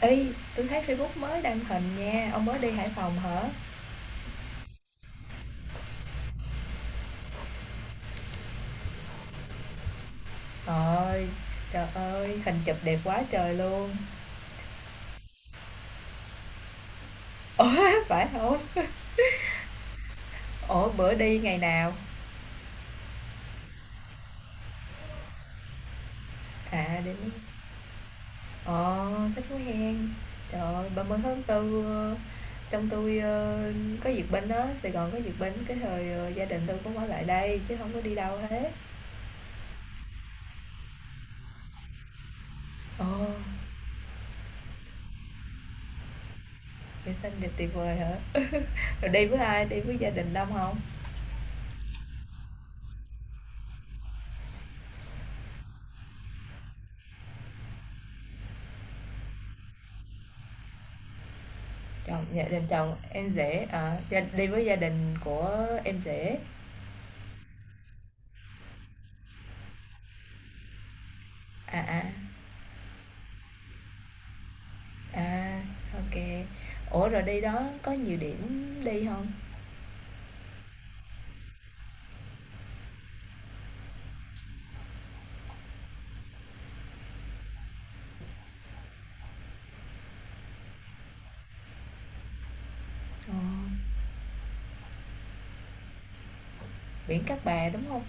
Ê, tôi thấy Facebook mới đăng hình nha, ông mới đi Hải Phòng hả? Rồi, trời ơi, hình chụp đẹp quá trời luôn. Ủa, phải không? Ủa, bữa đi ngày nào? À, đi. Ờ, thích quá hen. Trời ơi, 30 tháng 4 trong tôi có duyệt binh á, Sài Gòn có duyệt binh, cái thời gia đình tôi cũng ở lại đây chứ không có đi đâu hết. Ồ, nhân sinh đẹp tuyệt vời hả? Rồi đi với ai? Đi với gia đình đông không? Chồng dạ đình chồng em rể, ở gia đi với gia đình của em rể. À, à, à, ô. Ủa, rồi đi đó có nhiều điểm đi không? Ờ, biển Cát Bà, đúng không?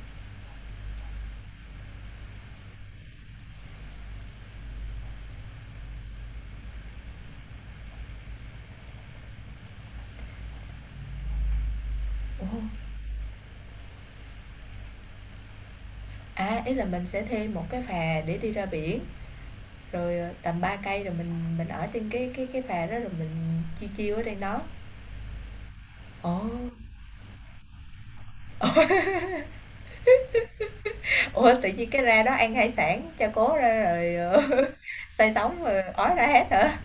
Ồ, à, ý là mình sẽ thêm một cái phà để đi ra biển, rồi, tầm 3 cây rồi mình ở trên cái phà đó rồi mình chiêu chiêu ở trên đó. Ồ, ủa, tự nhiên cái ra đó ăn hải sản, cho cố ra rồi, say sóng rồi ói ra hết hả?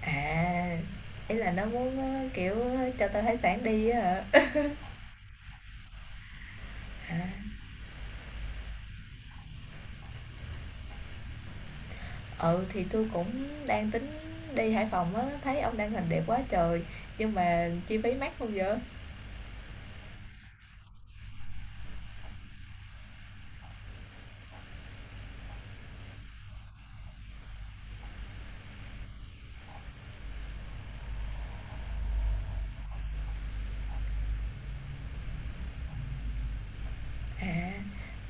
À, ý là nó muốn, ơ, kiểu, cho tao hải sản đi á hả? À, ừ, thì tôi cũng đang tính đi Hải Phòng á, thấy ông đăng hình đẹp quá trời, nhưng mà chi phí mắc không vậy? À,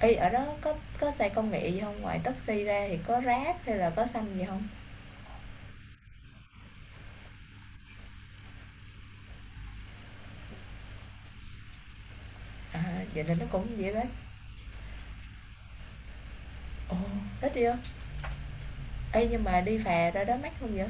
ê, ở đó có xe công nghệ gì hông? Ngoài taxi ra thì có Grab hay là có xanh gì không? À, vậy là nó cũng vậy đó. Ồ, thích chưa? Ê, nhưng mà đi phà ra đó mắc không vậy?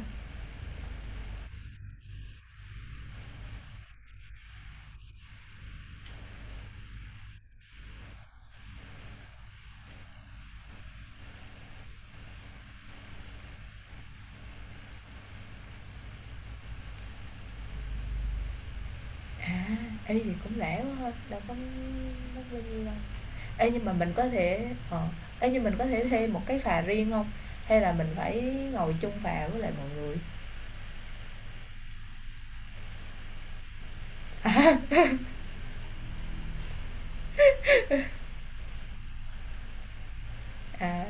À, ê, vậy cũng rẻ quá ha, đâu có mắc bao nhiêu đâu. Ê, nhưng mà mình có thể ê, nhưng mình có thể thuê một cái phà riêng không? Hay là mình phải ngồi chung phà với lại mọi người? À,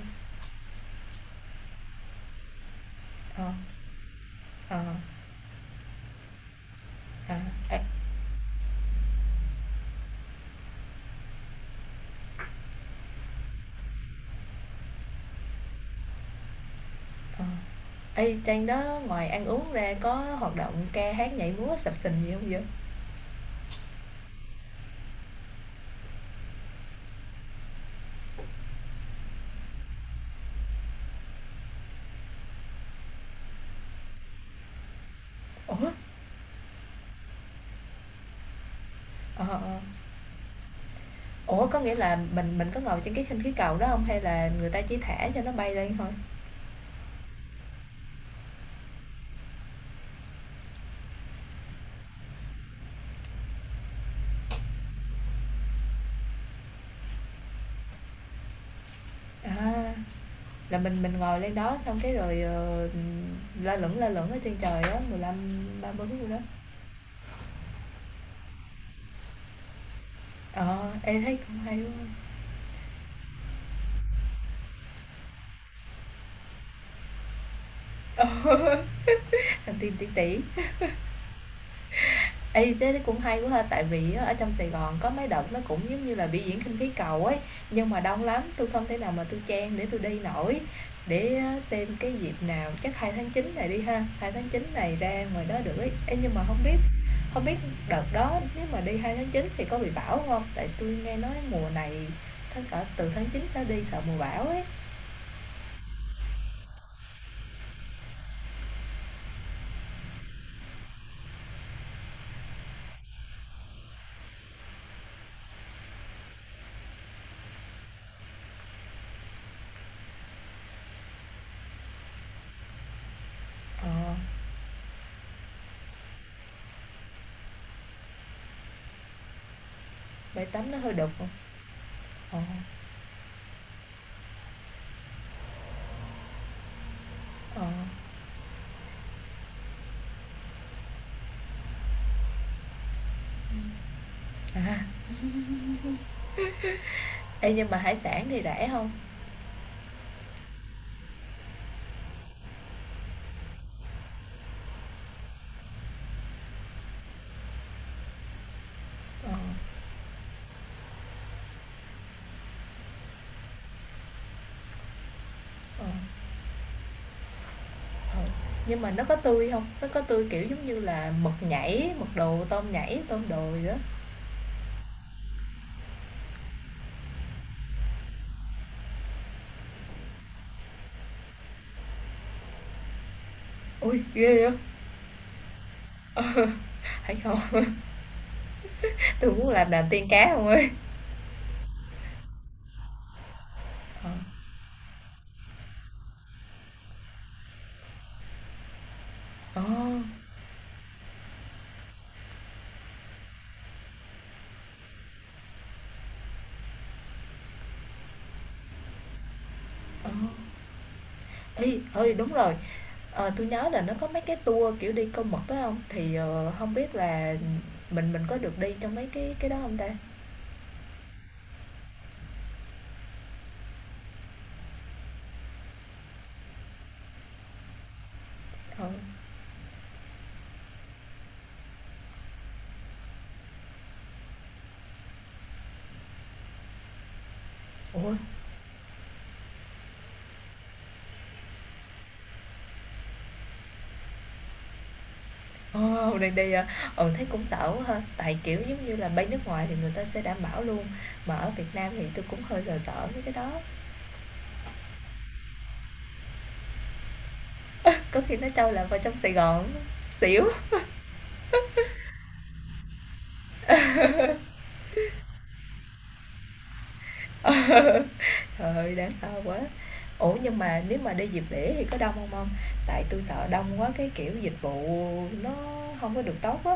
ờ, ờ, à, ê, ờ. Ê, trên đó ngoài ăn uống ra có hoạt động ca hát, nhảy múa, sập sình gì không vậy? Ủa? Ờ, ờ, ờ. Ủa, có nghĩa là mình có ngồi trên cái khinh khí cầu đó không? Hay là người ta chỉ thả cho nó bay lên thôi? À, là mình ngồi lên đó xong cái rồi, ờ, la lửng ở trên trời á, ba mươi phút đó. Ờ, ê, thấy cũng hay quá. Ừ, làm tiên tí tỉ. Ê, thế cũng hay quá ha, tại vì á, ở trong Sài Gòn có mấy đợt nó cũng giống như là biểu diễn khinh khí cầu ấy, nhưng mà đông lắm, tôi không thể nào mà tôi chen để tôi đi nổi. Để á, xem cái dịp nào, chắc 2 tháng 9 này đi ha, 2 tháng 9 này ra ngoài đó được ấy. Ê, nhưng mà không biết đợt đó nếu mà đi 2 tháng 9 thì có bị bão không? Tại tôi nghe nói mùa này tháng cỡ từ tháng 9 trở đi sợ mùa bão ấy. Ờ, bãi tắm nó hơi đục hông? Ờ, ờ. Ê, nhưng mà hải sản thì rẻ không? Ờ. Ờ, ờ. Nhưng mà nó có tươi không? Nó có tươi, kiểu, giống như là mực nhảy, mực đồ, tôm nhảy, tôm đồ gì đó? Ui ghê vậy? Hay không? Tôi muốn làm đàn tiên cá không ấy. Ờ, ờ, ờ. Ê, ơi, đúng rồi, ờ, tui nhớ là nó có mấy cái tour, kiểu, đi câu mực phải không? Thì, ờ, hông biết là mình có được đi trong mấy cái đó không ta? Ờ. Ủa, ồ, đang đi hả? Ừ, thấy cũng sợ quá ha, tại, kiểu, giống như là, bay nước ngoài thì người ta sẽ đảm bảo luôn, mà ở Việt Nam thì tôi cũng hơi sợ sợ mấy cái đó. Có khi nó trâu lạc vào trong Sài Gòn xỉu. Trời ơi, đáng sợ quá. Ủa, nhưng mà nếu mà đi dịp lễ thì có đông không ông? Tại tôi sợ đông quá cái, kiểu, dịch vụ nó không có được tốt á.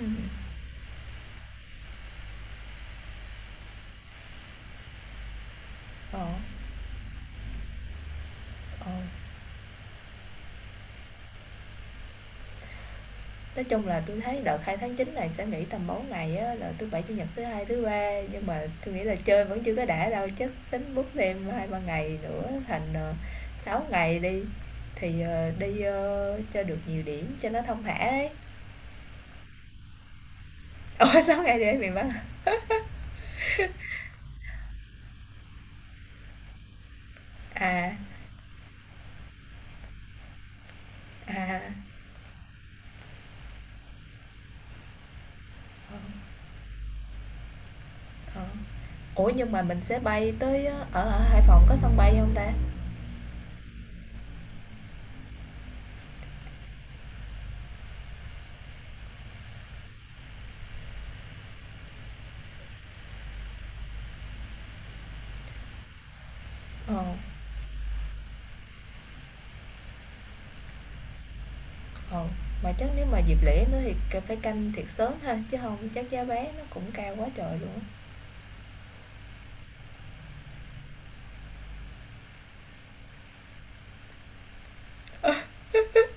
Ừm, ờ, ờ, nói chung là tôi thấy đợt hai tháng chín này sẽ nghỉ tầm 4 ngày á, là thứ Bảy, Chủ nhật, thứ Hai, thứ Ba, nhưng mà tôi nghĩ là chơi vẫn chưa có đã đâu, chắc tính bút thêm hai ba ngày nữa thành, ờ, 6 ngày đi, thì, ờ, đi, ơ, cho được nhiều điểm cho nó thông thả ấy. Ủa, 6 ngày đi ở miền Bắc. À, à, ờ. Ủa nhưng mà mình sẽ bay tới ở ở Hải Phòng có sân bay không ta? Ờ, ờ, mà chắc nếu mà dịp lễ nữa thì c- phải canh thiệt sớm ha chứ không chắc giá vé nó cũng cao quá trời luôn á.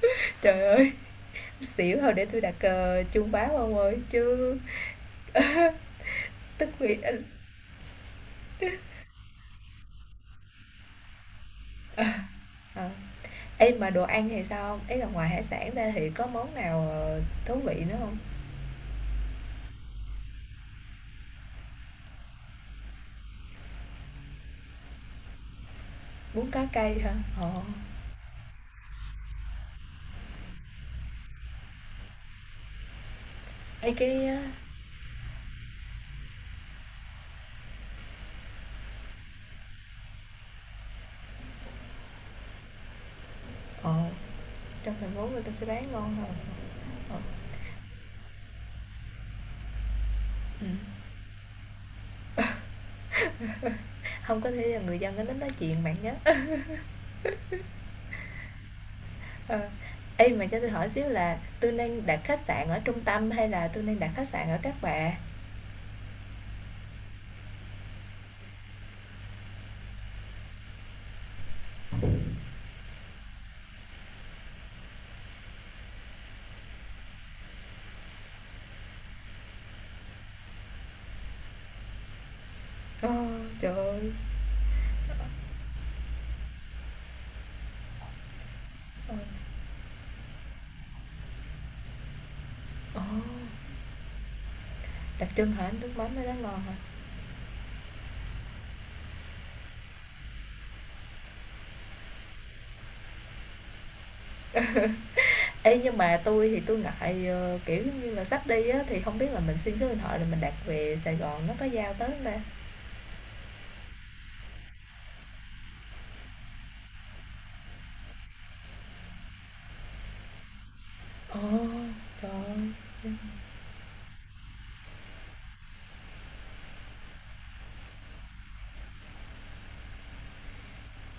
Trời ơi, xỉu thôi để tôi đặt chuông báo ông ơi chứ. Tức thì ờ. Ờ. Ê mà đồ ăn thì sao không? Ý là ngoài hải sản ra thì có món nào thú vị nữa không? Bún cá cay hả? Ờ. Ê cái ờ ờ, trong thành phố người ta sẽ bán ngon hơn. Ờ. Ừ. Không có thể là người dân ở đó nói chuyện bạn nhé. Ờ. Ê, mà cho tôi hỏi xíu là tôi nên đặt khách sạn ở trung tâm hay là tôi nên đặt khách sạn ở Cát Bà? Ờ, trời ơi! Ờ. Ồ, đặc trưng hả? Nước mắm ở đó ngon hả? Ê, nhưng mà tôi thì tôi ngại, ờ, kiểu, giống như là, sắp đi á, thì không biết là mình xin số điện thoại là mình đặt về Sài Gòn nó có giao tới không ta? Ồ, trời ơi! Ưm,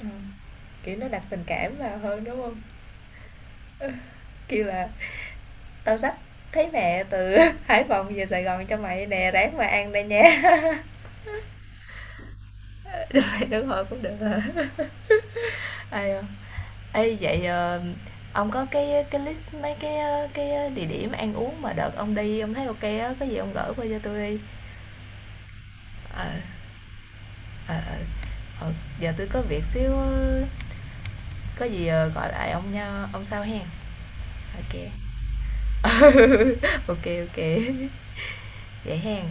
ờ, kiểu, nó đặt tình cảm vào hơn, đúng không? Kêu là "Tao xách thấy mẹ từ Hải Phòng về Sài Gòn cho mày nè, ráng mà ăn đây nha." Đúng rồi, cũng được hả? Ai, ờ, ê vậy ông có cái list mấy cái cái địa điểm ăn uống mà đợt ông đi ông thấy ok á, có gì ông gửi qua cho tôi đi. Ờ ờ ờ. Ờ, giờ tôi có việc xíu ờ, có gì gọi lại ông nha, ông sau hen. Ok. Ok ok. Vậy hen.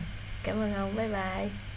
Cảm ơn ông. Bye bye.